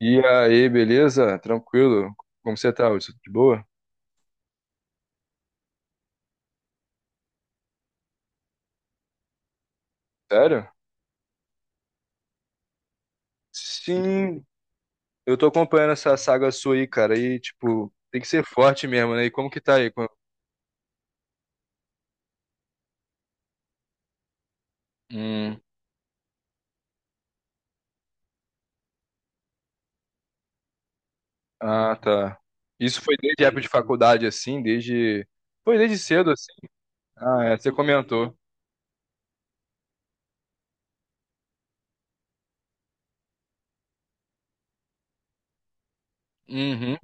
E aí, beleza? Tranquilo? Como você tá, Hudson? De boa? Sério? Sim, eu tô acompanhando essa saga sua aí, cara. E, tipo, tem que ser forte mesmo, né? E como que tá aí? Com- Hum, ah, tá. Isso foi desde a época de faculdade, assim? Desde. Foi desde cedo, assim? Ah, é, você comentou. Uhum.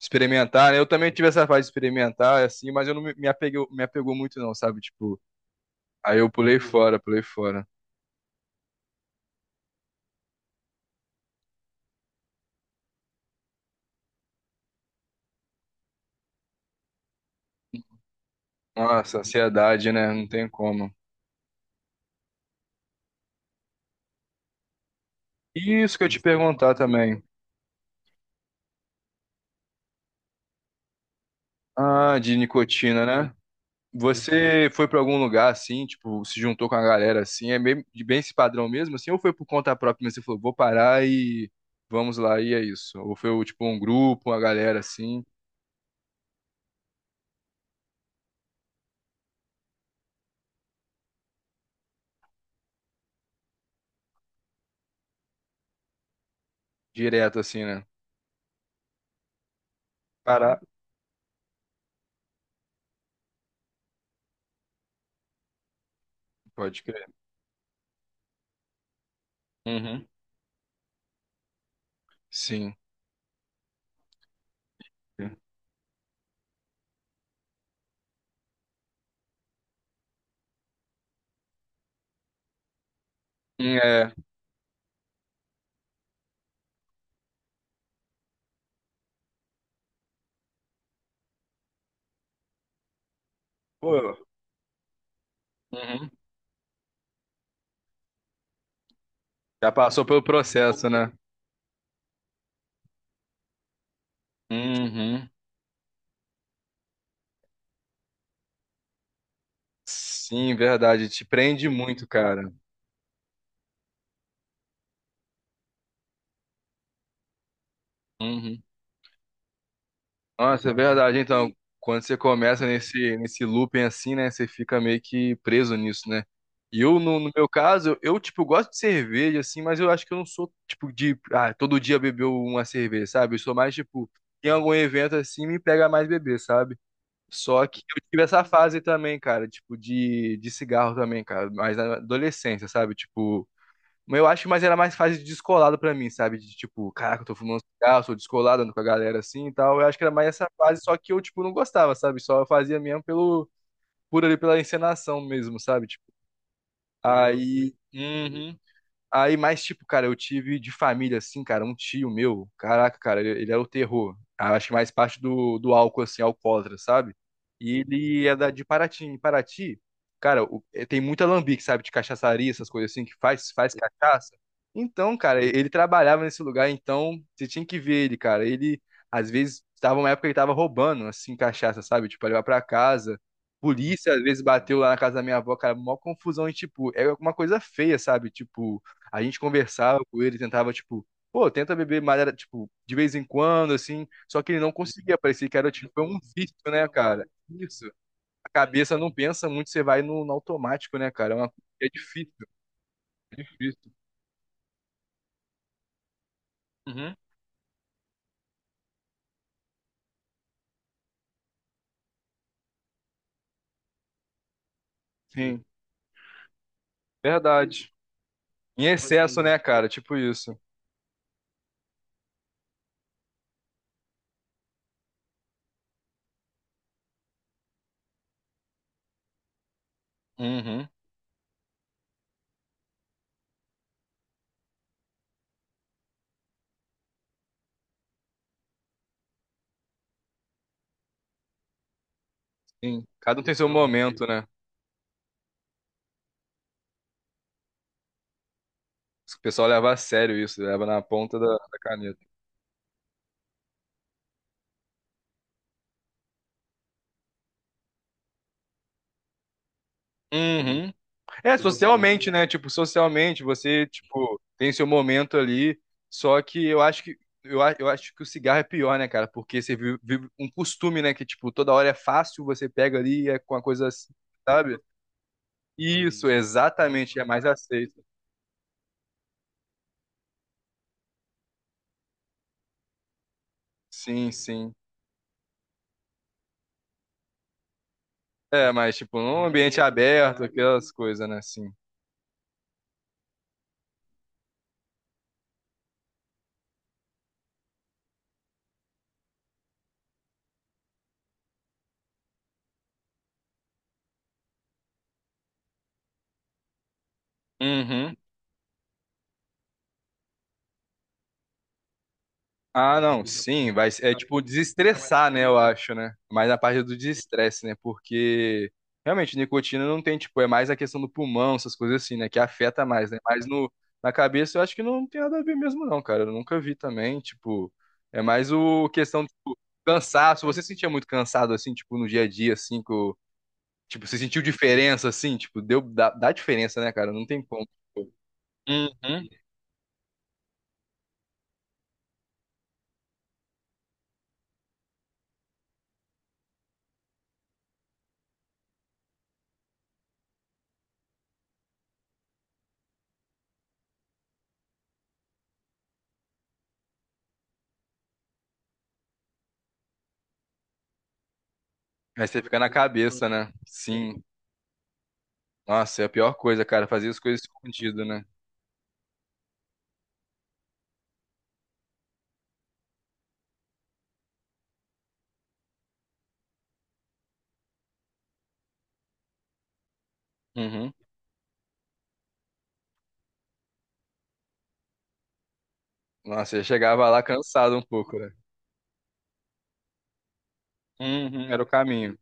Experimentar, né? Eu também tive essa fase de experimentar, assim, mas eu não me apeguei, me apegou muito, não, sabe? Tipo, aí eu pulei fora, pulei fora. Nossa, ansiedade, né? Não tem como. Isso que eu te perguntar também. Ah, de nicotina, né? Você foi pra algum lugar assim, tipo, se juntou com a galera assim, é bem, de bem esse padrão mesmo, assim, ou foi por conta própria, mas você falou, vou parar e vamos lá, e é isso? Ou foi tipo um grupo, uma galera assim, direto assim, né? Parar, pode crer. Uhum. Sim. Hum. É. Pô. Uhum. Já passou pelo processo, né? Uhum. Sim, verdade, te prende muito, cara. Uhum. Nossa, é verdade. Então, quando você começa nesse looping assim, né? Você fica meio que preso nisso, né? E eu, no meu caso, eu, tipo, gosto de cerveja, assim, mas eu acho que eu não sou, tipo, de, ah, todo dia beber uma cerveja, sabe? Eu sou mais, tipo, em algum evento assim, me pega mais beber, sabe? Só que eu tive essa fase também, cara, tipo, de cigarro também, cara, mas na adolescência, sabe? Tipo, mas eu acho, mas era mais fase de descolado pra mim, sabe? De tipo, caraca, eu tô fumando um cigarro, sou descolado, ando com a galera assim e tal. Eu acho que era mais essa fase, só que eu, tipo, não gostava, sabe? Só fazia mesmo por ali pela encenação mesmo, sabe? Tipo, aí. Uhum. Aí, mais tipo, cara, eu tive de família, assim, cara, um tio meu, caraca, cara, ele era o terror. Ah, acho que mais parte do álcool, assim, alcoólatra, sabe? E ele é de Paraty. Em Paraty, cara, tem muito alambique, sabe? De cachaçaria, essas coisas assim, que faz cachaça. Então, cara, ele trabalhava nesse lugar, então você tinha que ver ele, cara. Ele, às vezes, tava uma época que ele tava roubando, assim, cachaça, sabe? Tipo, pra levar pra casa. Polícia, às vezes, bateu lá na casa da minha avó, cara, mó confusão e, tipo, é uma coisa feia, sabe? Tipo. A gente conversava com ele, tentava, tipo, pô, tenta beber madeira, tipo, de vez em quando, assim. Só que ele não conseguia, parecia que era, tipo, é um vício, né, cara? Isso. A cabeça não pensa muito, você vai no automático, né, cara? É uma coisa que é difícil, é difícil. Uhum. Sim, verdade. Em excesso, né, cara? Tipo isso. Uhum. Sim. Cada um tem seu momento, né? O pessoal leva a sério isso, leva na ponta da caneta. Uhum. É, socialmente, né? Tipo, socialmente, você, tipo, tem seu momento ali. Só que eu acho que eu acho que o cigarro é pior, né, cara? Porque você vive um costume, né? Que, tipo, toda hora é fácil, você pega ali e é com uma coisa assim, sabe? Isso, exatamente, é mais aceito. Sim, sim. É, mas, tipo, num ambiente aberto, aquelas coisas, né? Sim. Uhum. Ah, não, sim, vai, é tipo desestressar, né, eu acho, né? Mais na parte do desestresse, né? Porque realmente nicotina não tem, tipo, é mais a questão do pulmão, essas coisas assim, né, que afeta mais, né? Mas no na cabeça eu acho que não tem nada a ver mesmo não, cara. Eu nunca vi também, tipo, é mais o questão tipo, cansaço. Você se sentia muito cansado assim, tipo, no dia a dia assim, tipo, você sentiu diferença assim, tipo, dá diferença, né, cara? Não tem como. Uhum. Aí você fica na cabeça, né? Sim. Nossa, é a pior coisa, cara, fazia as coisas escondido, né? Uhum. Nossa, eu chegava lá cansado um pouco, né? Uhum, era o caminho.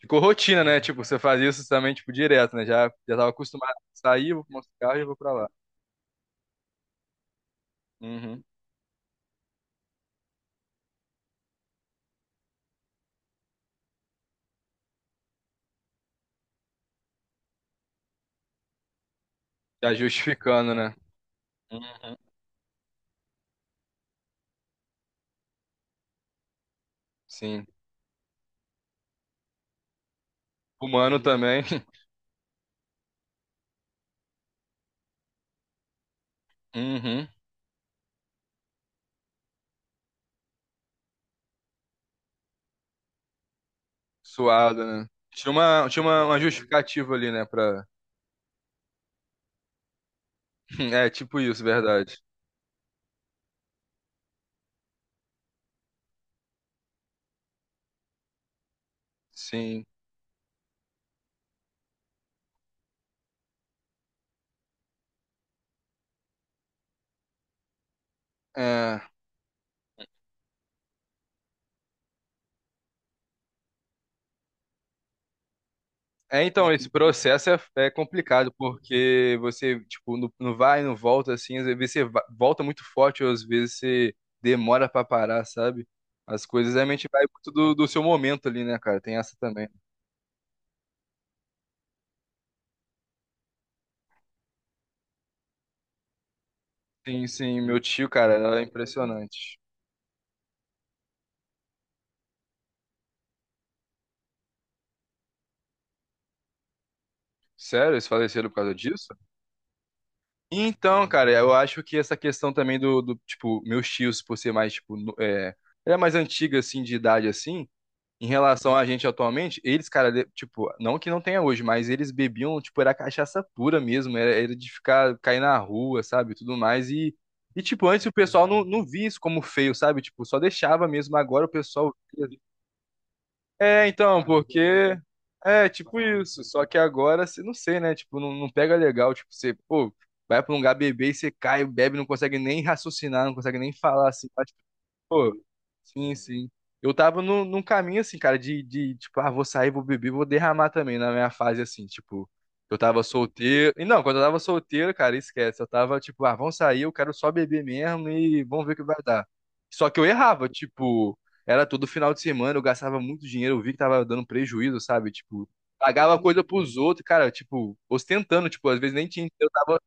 Ficou rotina, né? Tipo, você fazia isso também, tipo, direto, né? Já tava acostumado a sair, vou pro nosso carro e vou pra lá. Uhum. Já justificando, né? Uhum. Sim. Humano também. Uhum. Suado, né? Tinha uma justificativa ali, né? Pra... É, tipo isso, verdade. Sim. É. É, então, esse processo é complicado, porque você, tipo, não vai, não volta, assim, às vezes você volta muito forte, ou às vezes você demora pra parar, sabe? As coisas realmente vai muito do seu momento ali, né, cara? Tem essa também. Sim, sim, meu tio, cara, era impressionante. Sério? Eles faleceram por causa disso? Então, cara, eu acho que essa questão também do tipo, meus tios, por ser mais, tipo, era mais antiga, assim, de idade, assim. Em relação a gente atualmente, eles, cara, tipo, não que não tenha hoje, mas eles bebiam, tipo, era cachaça pura mesmo, era de ficar, cair na rua, sabe, tudo mais, e tipo, antes o pessoal não via isso como feio, sabe, tipo, só deixava mesmo, agora o pessoal... É, então, porque... É, tipo isso, só que agora, você não sei, né, tipo, não pega legal, tipo, você, pô, vai pra um lugar beber e você cai, bebe, não consegue nem raciocinar, não consegue nem falar, assim. Pô, sim, sim. Eu tava num caminho assim, cara, de tipo, ah, vou sair, vou beber, vou derramar também na minha fase assim, tipo, eu tava solteiro. E não, quando eu tava solteiro, cara, esquece. Eu tava tipo, ah, vamos sair, eu quero só beber mesmo e vamos ver o que vai dar. Só que eu errava, tipo, era todo final de semana, eu gastava muito dinheiro, eu vi que tava dando prejuízo, sabe? Tipo, pagava coisa pros outros, cara, tipo, ostentando, tipo, às vezes nem tinha, eu tava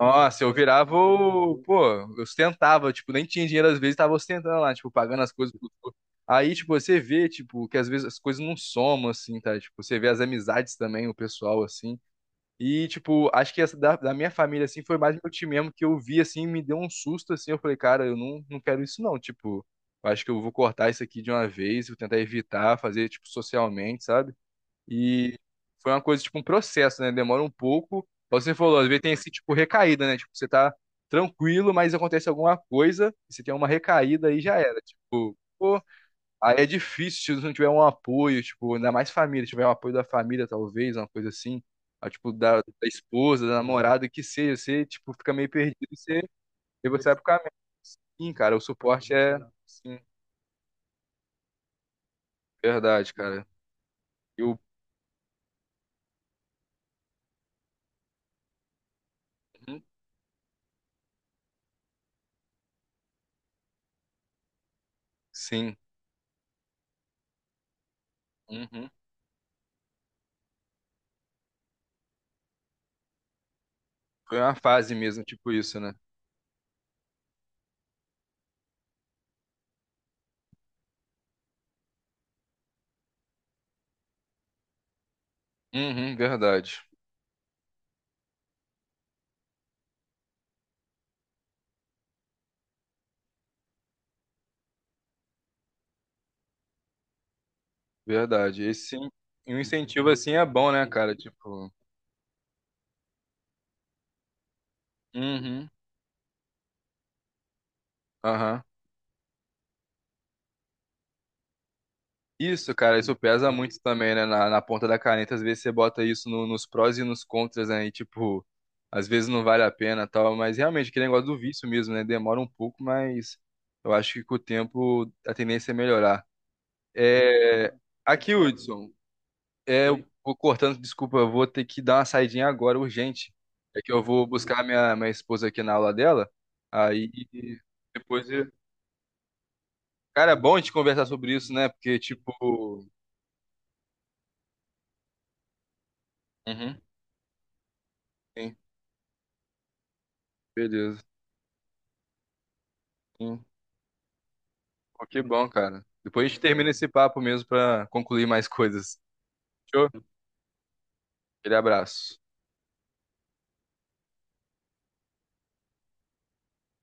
nossa, eu virava o. Pô, eu ostentava, tipo, nem tinha dinheiro às vezes, tava ostentando lá, tipo, pagando as coisas. Aí, tipo, você vê, tipo, que às vezes as coisas não somam, assim, tá? Tipo, você vê as amizades também, o pessoal, assim. E, tipo, acho que essa da minha família, assim, foi mais meu tio mesmo que eu vi, assim, me deu um susto, assim. Eu falei, cara, eu não quero isso, não. Tipo, eu acho que eu vou cortar isso aqui de uma vez, vou tentar evitar, fazer, tipo, socialmente, sabe? E foi uma coisa, tipo, um processo, né? Demora um pouco. Igual você falou, às vezes tem esse, tipo, recaída, né? Tipo, você tá tranquilo, mas acontece alguma coisa, e você tem uma recaída e já era. Tipo, pô, aí é difícil se não tiver um apoio, tipo, ainda mais família, se tiver um apoio da família, talvez, uma coisa assim. Ah, tipo, da esposa, da namorada, que seja, você, tipo, fica meio perdido e você vai pro caminho, cara. O suporte é, sim, verdade, cara. Eu, uhum, sim, uhum. Foi uma fase mesmo, tipo isso, né? Uhum, verdade. Verdade. E um incentivo assim é bom, né, cara? Tipo. Uhum. Aham. Isso, cara, isso pesa muito também, né? Na ponta da caneta, às vezes você bota isso nos prós e nos contras, né? E, tipo, às vezes não vale a pena e tal. Mas realmente, aquele negócio do vício mesmo, né? Demora um pouco, mas eu acho que com o tempo a tendência é melhorar. É... Aqui, Hudson, é, eu Oi? Vou cortando, desculpa, eu vou ter que dar uma saidinha agora, urgente. É que eu vou buscar minha esposa aqui na aula dela. Aí depois. Cara, é bom a gente conversar sobre isso, né? Porque, tipo. Uhum. Sim, beleza. Sim. Pô, que bom, cara. Depois a gente termina esse papo mesmo pra concluir mais coisas. Fechou? Aquele abraço.